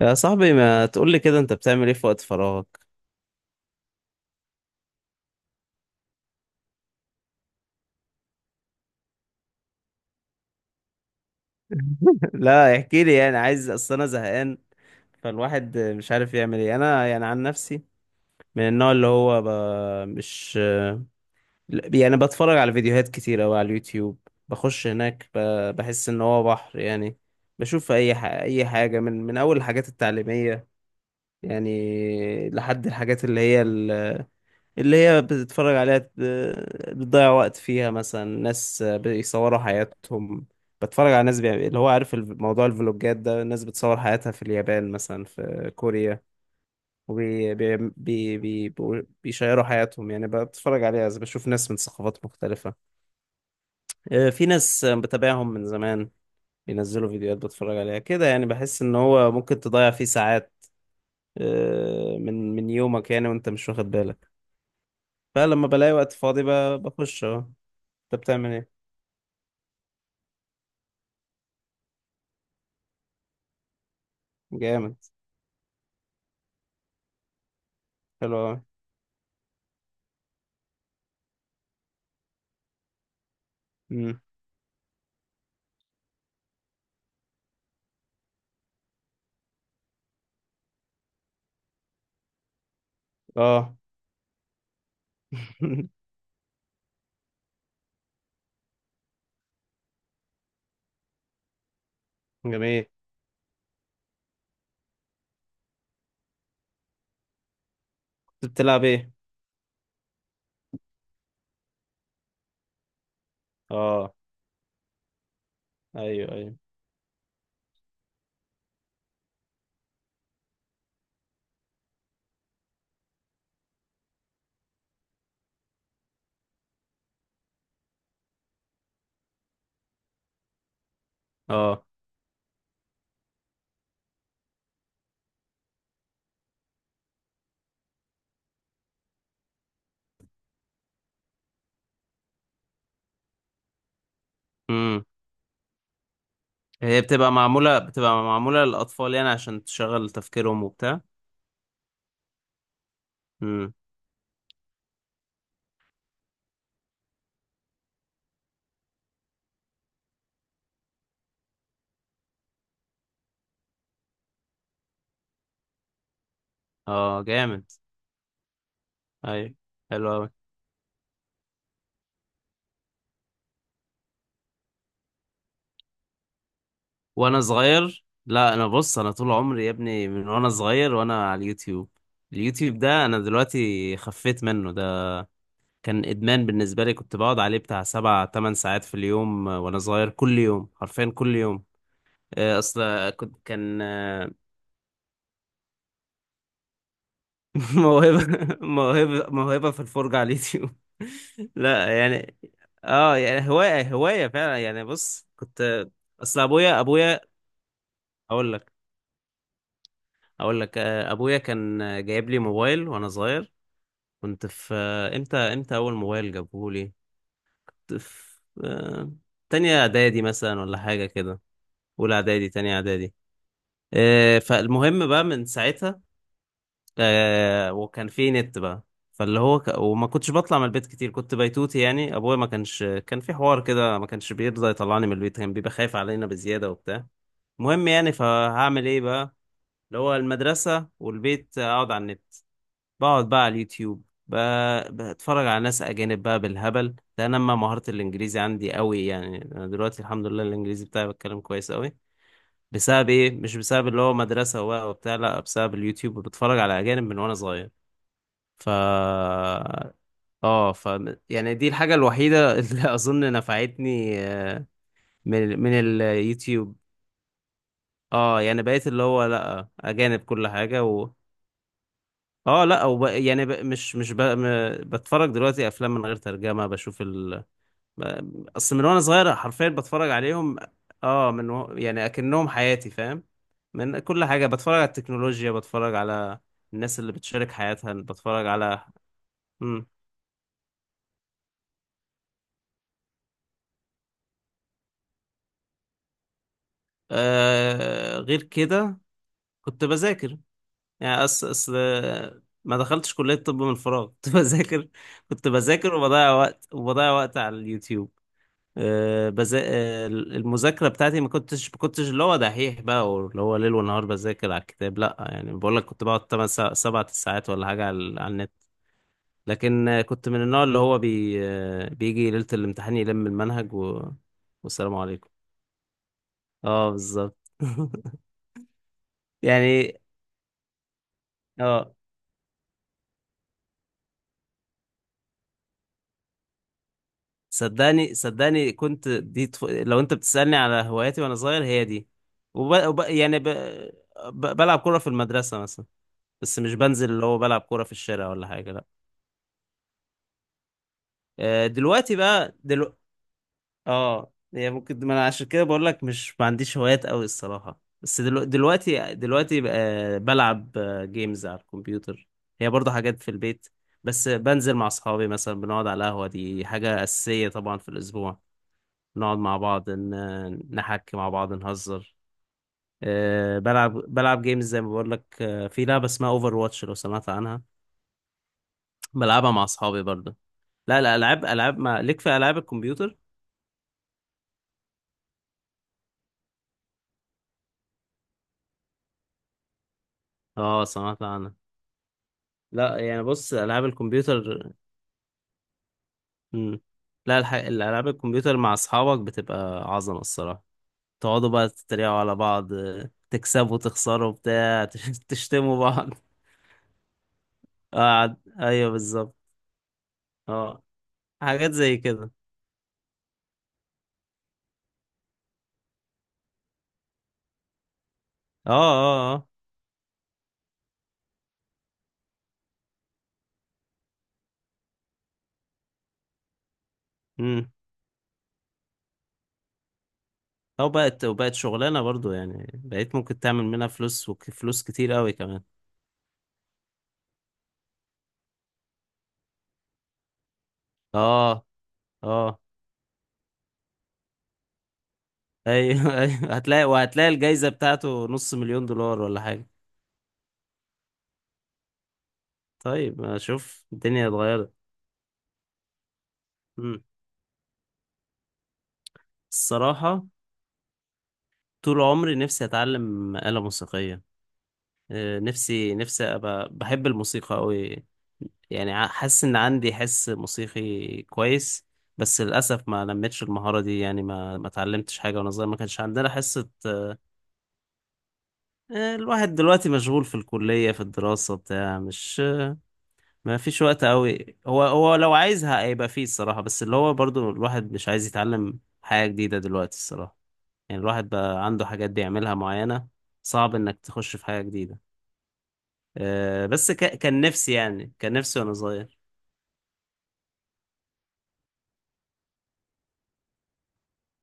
يا صاحبي، ما تقول لي كده انت بتعمل ايه في وقت فراغك؟ لا احكي لي، يعني عايز. اصل انا زهقان، فالواحد مش عارف يعمل ايه. انا يعني عن نفسي من النوع اللي هو ب... مش لا، يعني بتفرج على فيديوهات كتير قوي على اليوتيوب. بخش هناك ب... بحس ان هو بحر يعني. بشوف اي ح... اي حاجة من اول الحاجات التعليمية يعني لحد الحاجات اللي هي اللي هي بتتفرج عليها ت- بتضيع وقت فيها. مثلا ناس بيصوروا حياتهم، بتفرج على ناس بيعمل اللي هو عارف الف- موضوع الفلوجات ده. الناس بتصور حياتها في اليابان مثلا، في كوريا، وبي بي بي بي بيقول- بيشيروا حياتهم، يعني بتفرج عليها بشوف ناس من ثقافات مختلفة. آه، في ناس بتابعهم من زمان بينزلوا فيديوهات بتفرج عليها كده، يعني بحس ان هو ممكن تضيع فيه ساعات. آه، من يومك يعني وانت مش واخد بالك. فلما بلاقي وقت فاضي ب- بخش اهو. انت بتعمل ايه؟ جامد. حلو قوي. امم. اه. جميل. كنت بتلعب ايه؟ اه. ايوه ايوه. اه. امم. هي بتبقى معموله، بتبقى معموله للاطفال يعني عشان تشغل تفكيرهم وبتاع. امم. اه جامد. ايوه. حلو قوي. وانا صغير؟ لا انا بص، انا طول عمري يا ابني من وانا صغير وانا على اليوتيوب. اليوتيوب ده انا دلوقتي خفيت منه. ده كان ادمان بالنسبه لي، كنت بقعد عليه بتاع سبع تمن ساعات في اليوم. آه، وانا صغير كل يوم، حرفيا كل يوم. آه، اصل كنت، كان آه، موهبة موهبة موهبة في الفرجة على اليوتيوب. لا يعني، اه يعني هواية هواية فعلا. يعني بص، كنت. اصل ابويا اقول لك، اقول لك. آه، ابويا كان جايب لي موبايل وانا صغير. كنت في آه، امتى اول موبايل جابه لي؟ كنت في آه، تانية اعدادي مثلا، ولا حاجة كده، اولى اعدادي تانية اعدادي. آه، فالمهم بقى من ساعتها. آه وكان في نت بقى. فاللي هو ك... وما كنتش بطلع من البيت كتير، كنت بيتوتي يعني. ابويا ما كانش، كان في حوار كده، ما كانش بيرضى يطلعني من البيت، كان بيبقى خايف علينا بزيادة وبتاع. المهم يعني، فهعمل ايه بقى؟ اللي هو المدرسة والبيت، اقعد على النت. بقعد بقى على اليوتيوب ب... بتفرج على ناس اجانب بقى بالهبل. ده نمى مهارة الانجليزي عندي قوي، يعني انا دلوقتي الحمد لله الانجليزي بتاعي بتكلم كويس قوي. بسبب ايه؟ مش بسبب اللي هو مدرسة وبقى وبتاع، لا بسبب اليوتيوب. بتفرج على اجانب من وانا صغير. ف اه ف يعني دي الحاجة الوحيدة اللي أظن نفعتني. آه، من اليوتيوب. اه يعني بقيت اللي هو لأ، أجانب كل حاجة. و اه لأ وب... يعني ب... مش ب... م... بتفرج دلوقتي أفلام من غير ترجمة، بشوف ال ب- أصل من وأنا صغير حرفيا بتفرج عليهم. اه، من و... يعني أكنهم حياتي، فاهم؟ من كل حاجة. بتفرج على التكنولوجيا، بتفرج على الناس اللي بتشارك حياتها، بتفرج على. مم. آه غير كده، كنت بذاكر. يعني أص... أصل ما دخلتش كلية طب من فراغ. كنت بذاكر، كنت بذاكر وبضيع وقت وبضيع وقت على اليوتيوب. أه بزا... آه، المذاكرة بتاعتي ما كنتش اللي هو دحيح بقى واللي هو ليل ونهار بذاكر على الكتاب، لا. يعني بقول لك كنت بقعد 8 سا... 7 ساعات ولا حاجة على النت. لكن آه، كنت من النوع اللي هو بي... آه، بيجي ليلة الامتحان يلم المنهج و... والسلام عليكم. اه بالظبط. يعني اه صدقني صدقني كنت دي طف... لو انت بتسألني على هواياتي وانا صغير هي دي. وب... وب... يعني ب... ب... بلعب كورة في المدرسة مثلا، بس مش بنزل اللي هو بلعب كورة في الشارع ولا حاجة، لا. آه، دلوقتي بقى دلو... اه هي ممكن، ما انا عشان كده بقول لك مش ما عنديش هوايات قوي الصراحة. بس دلو... دلوقتي دلوقتي بقى بلعب جيمز على الكمبيوتر. هي برضه حاجات في البيت. بس بنزل مع اصحابي مثلا، بنقعد على القهوة، دي حاجة أساسية طبعا في الأسبوع. نقعد مع بعض، ن- نحكي مع بعض، نهزر. آه، بلعب بلعب جيمز زي ما بقول لك. آه، في لعبة اسمها اوفر واتش، لو سمعت عنها. بلعبها مع اصحابي برضه. لا العاب، العاب. ما ليك في العاب الكمبيوتر. اه سمعت عنها. لا يعني بص العاب الكمبيوتر. مم. لا الح... الالعاب الكمبيوتر مع اصحابك بتبقى عظمة الصراحة. تقعدوا بقى تتريقوا على بعض، آه، تكسبوا تخسروا بتاع، تشتموا بعض. آه، ايوه بالظبط. اه، حاجات زي كده. اه اه اه. مم. او بقت وبقت شغلانه برضو، يعني بقيت ممكن تعمل منها فلوس وفلوس كتير قوي كمان. اه اه ايوه. ايوه هتلاقي، وهتلاقي الجايزه بتاعته نص مليون دولار ولا حاجه. طيب، ما اشوف الدنيا اتغيرت. مم. الصراحه طول عمري نفسي اتعلم آلة موسيقيه. آه، نفسي ابقى، بحب الموسيقى قوي، يعني ع- حاسس ان عندي حس موسيقي كويس. بس للاسف ما نمتش المهاره دي، يعني ما اتعلمتش حاجه وانا صغير، ما كانش عندنا حصه. آه، الواحد دلوقتي مشغول في الكلية في الدراسة بتاع، مش ما فيش وقت قوي. هو لو عايزها هيبقى فيه الصراحة، بس اللي هو برضو الواحد مش عايز يتعلم حاجة جديدة دلوقتي الصراحة. يعني الواحد بقى عنده حاجات بيعملها معينة، صعب انك تخش في حاجة جديدة. أه بس ك... كان نفسي يعني، كان نفسي وانا صغير.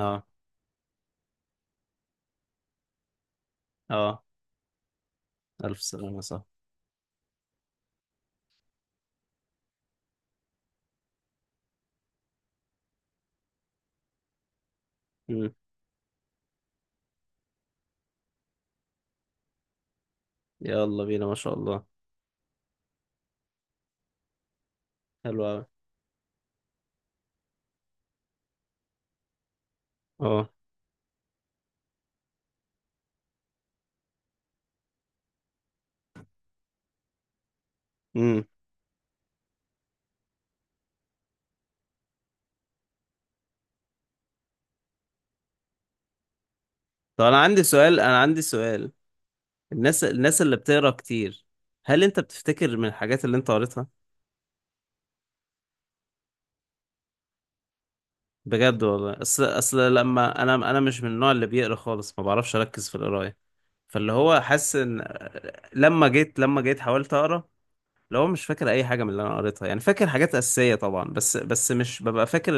اه. اه. ألف سلامة. صح. مم. يلا بينا، ما شاء الله. حلو أوي. اه. مم. طب انا عندي سؤال، انا عندي سؤال. الناس اللي بتقرا كتير، هل انت بتفتكر من الحاجات اللي انت قريتها؟ بجد والله، اصل اصل لما انا مش من النوع اللي بيقرا خالص، ما بعرفش اركز في القرايه. فاللي هو حاسس ان، لما جيت لما جيت حاولت اقرا، اللي هو مش فاكر اي حاجه من اللي انا قريتها. يعني فاكر حاجات اساسيه طبعا، بس مش ببقى فاكر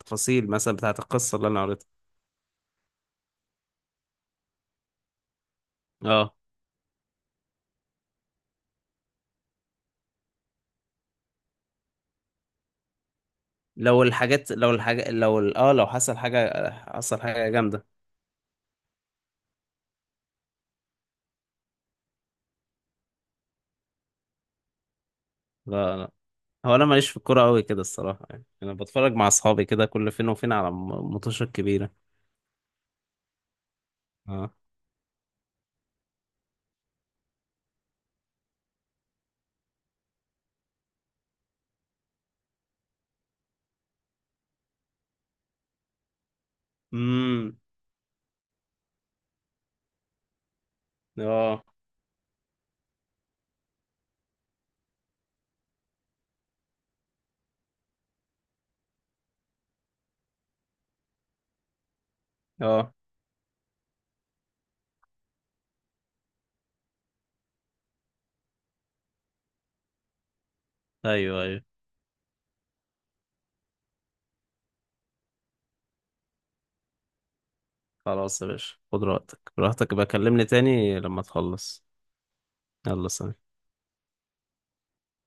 التفاصيل مثلا بتاعه القصه اللي انا قريتها. اه، لو الحاجات لو الحاجه لو ال- اه لو حصل حاجه، حصل حاجه جامده. لا لا، هو انا ماليش في الكوره قوي كده الصراحه. يعني انا بتفرج مع اصحابي كده كل فين وفين على م- ماتشات كبيره. اه. امم. اه. اه. ايوه ايوه. خلاص يا باشا، خد راحتك، براحتك بقى كلمني تاني لما تخلص. يلا سلام.